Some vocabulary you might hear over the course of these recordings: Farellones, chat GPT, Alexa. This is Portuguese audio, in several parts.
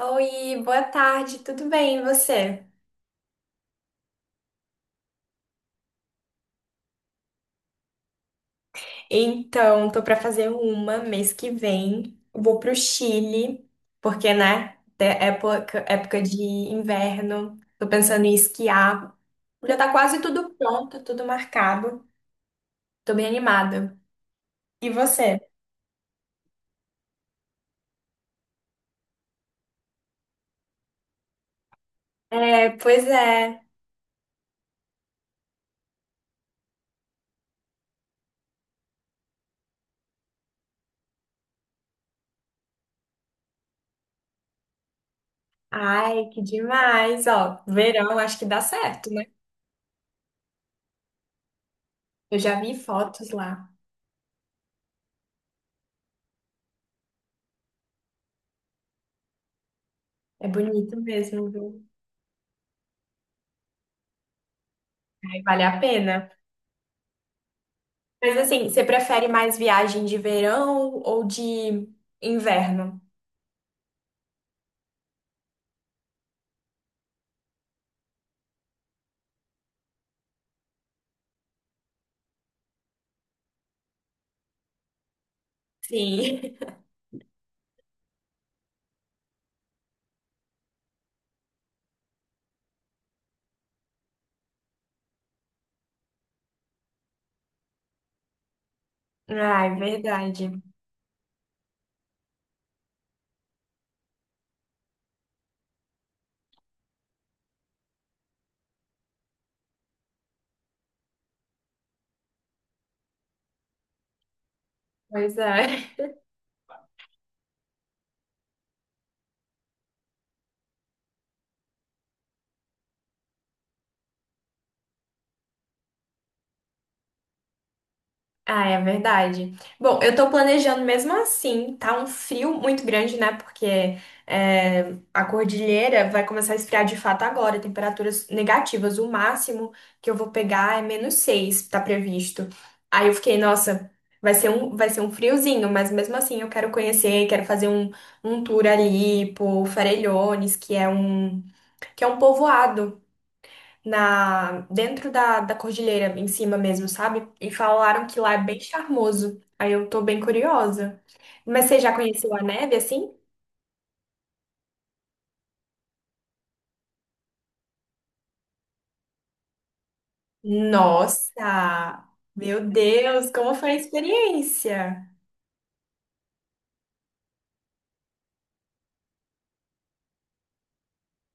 Oi, boa tarde, tudo bem, e você? Então, tô pra fazer uma mês que vem. Vou pro Chile, porque, né, é época, época de inverno. Tô pensando em esquiar. Já tá quase tudo pronto, tudo marcado. Tô bem animada. E você? É, pois é. Ai, que demais, ó. Verão, acho que dá certo, né? Eu já vi fotos lá. É bonito mesmo, viu? Ai, vale a pena. Mas assim, você prefere mais viagem de verão ou de inverno? Sim. Ah, é verdade. Pois é. Ah, é verdade. Bom, eu tô planejando mesmo assim, tá um frio muito grande, né? Porque é, a cordilheira vai começar a esfriar de fato agora, temperaturas negativas. O máximo que eu vou pegar é -6, tá previsto. Aí eu fiquei, nossa, vai ser um friozinho, mas mesmo assim eu quero conhecer, quero fazer um tour ali por Farellones, que é um povoado na dentro da cordilheira em cima mesmo, sabe? E falaram que lá é bem charmoso. Aí eu tô bem curiosa. Mas você já conheceu a neve assim? Nossa! Meu Deus, como foi a experiência?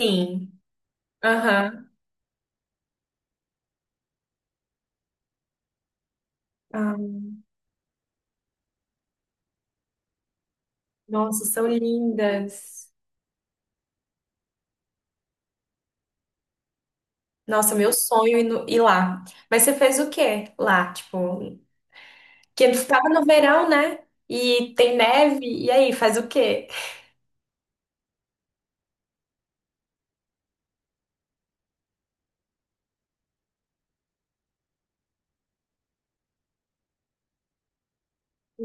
Sim. Aham. Ah, nossa, são lindas. Nossa, meu sonho ir, ir lá. Mas você fez o quê lá? Tipo, que tu tava no verão, né? E tem neve, e aí, faz o quê?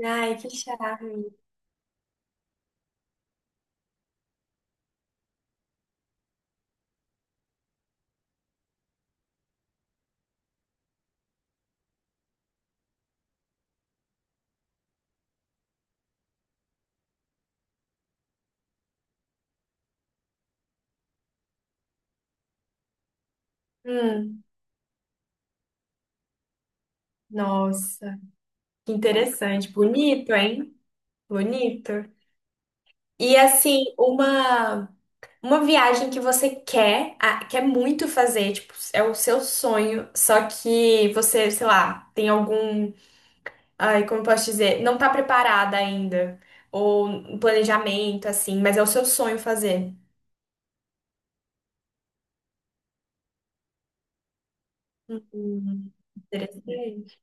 Ai, que charme. Hum. Nossa, que interessante. Bonito, hein? Bonito. E assim, uma viagem que você quer, ah, quer muito fazer, tipo, é o seu sonho, só que você, sei lá, tem algum, ai, como eu posso dizer, não tá preparada ainda, ou um planejamento assim, mas é o seu sonho fazer. Hum, interessante.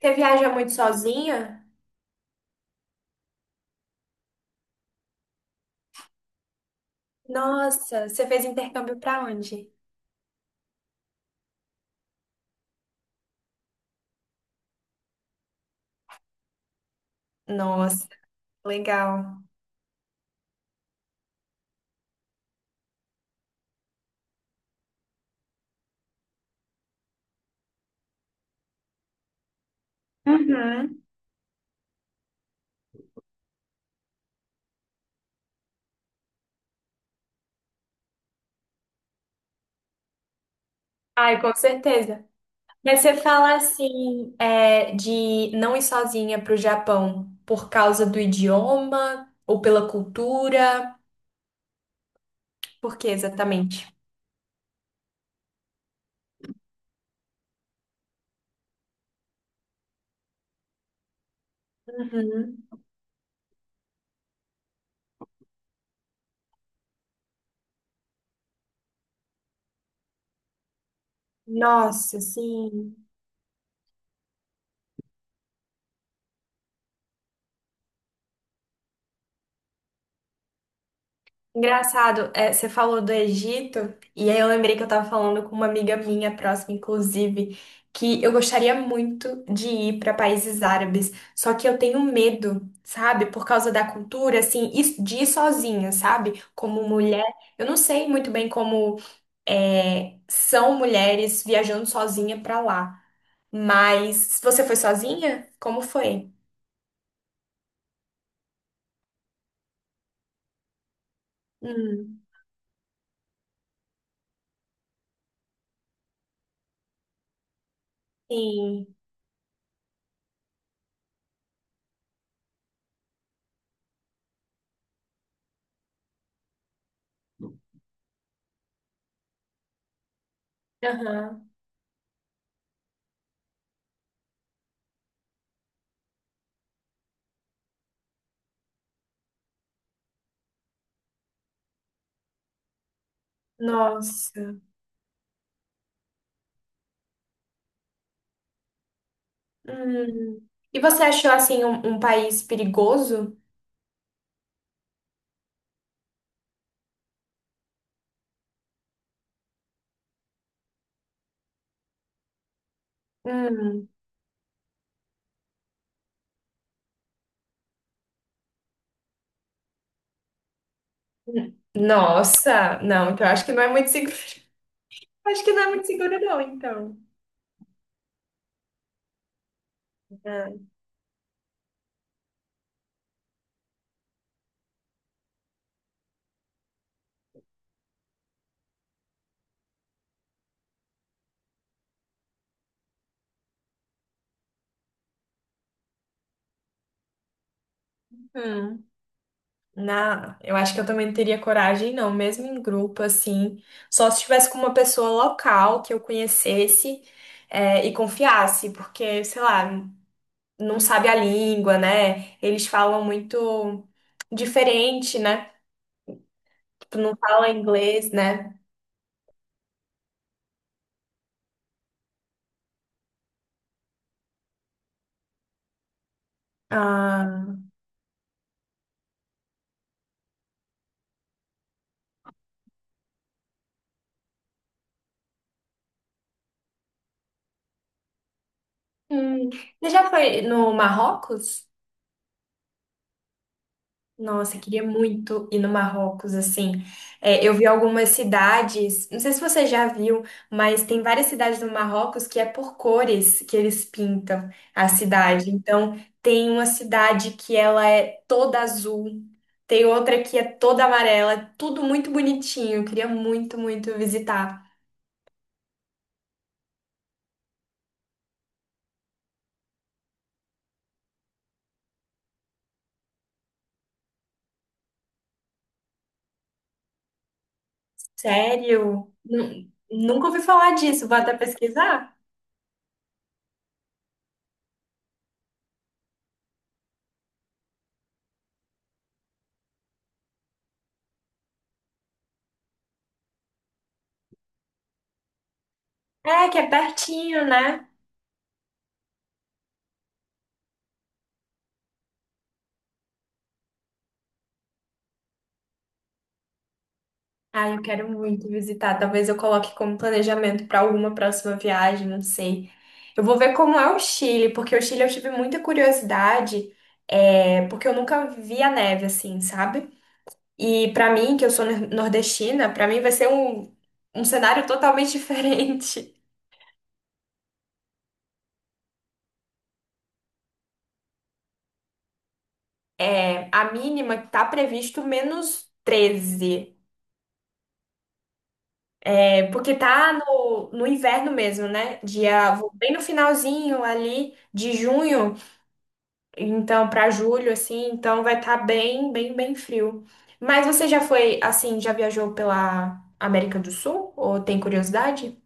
Você viaja muito sozinha? Nossa, você fez intercâmbio pra onde? Nossa, legal. Uhum. Ai, com certeza. Mas você fala assim, é, de não ir sozinha para o Japão por causa do idioma ou pela cultura? Por que exatamente? Uhum. Nossa, sim. Engraçado, é, você falou do Egito, e aí eu lembrei que eu tava falando com uma amiga minha próxima, inclusive, que eu gostaria muito de ir para países árabes, só que eu tenho medo, sabe? Por causa da cultura, assim, e de ir sozinha, sabe? Como mulher, eu não sei muito bem como é, são mulheres viajando sozinha para lá, mas se você foi sozinha, como foi? Hum, sim, aham, nossa. Hum. E você achou assim um, um país perigoso? Hum. Nossa, não, então acho que não é muito seguro. Acho que não é muito seguro, não, então. É. Hum. Na, eu acho que eu também não teria coragem, não, mesmo em grupo, assim. Só se estivesse com uma pessoa local que eu conhecesse, é, e confiasse, porque, sei lá, não sabe a língua, né? Eles falam muito diferente, né? Tu não fala inglês, né? Hum. Você já foi no Marrocos? Nossa, eu queria muito ir no Marrocos, assim. É, eu vi algumas cidades, não sei se você já viu, mas tem várias cidades no Marrocos que é por cores que eles pintam a cidade. Então, tem uma cidade que ela é toda azul, tem outra que é toda amarela, é tudo muito bonitinho. Eu queria muito, muito visitar. Sério? Nunca ouvi falar disso, vou até pesquisar. É, que é pertinho, né? Ah, eu quero muito visitar. Talvez eu coloque como planejamento para alguma próxima viagem, não sei. Eu vou ver como é o Chile, porque o Chile eu tive muita curiosidade, é, porque eu nunca vi a neve assim, sabe? E para mim, que eu sou nordestina, para mim vai ser um, um cenário totalmente diferente. É, a mínima que tá previsto -13. É, porque tá no inverno mesmo, né? Dia, vou bem no finalzinho ali de junho. Então, para julho, assim, então vai estar bem, bem, bem frio. Mas você já foi, assim, já viajou pela América do Sul? Ou tem curiosidade?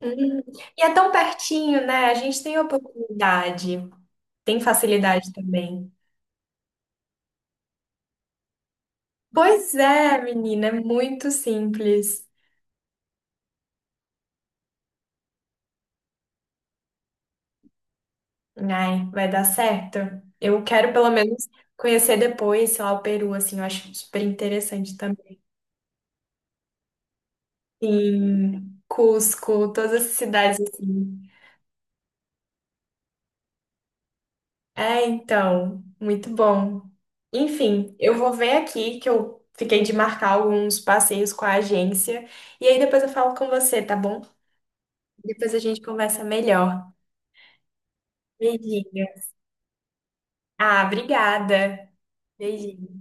Hum. E é tão pertinho, né? A gente tem oportunidade, tem facilidade também. Pois é, menina, é muito simples. Ai, vai dar certo. Eu quero pelo menos conhecer depois, sei lá, o Peru, assim, eu acho super interessante também. Sim, Cusco, todas essas cidades assim. É, então, muito bom. Enfim, eu vou ver aqui que eu fiquei de marcar alguns passeios com a agência e aí depois eu falo com você, tá bom? Depois a gente conversa melhor. Beijinho. Ah, obrigada. Beijinho.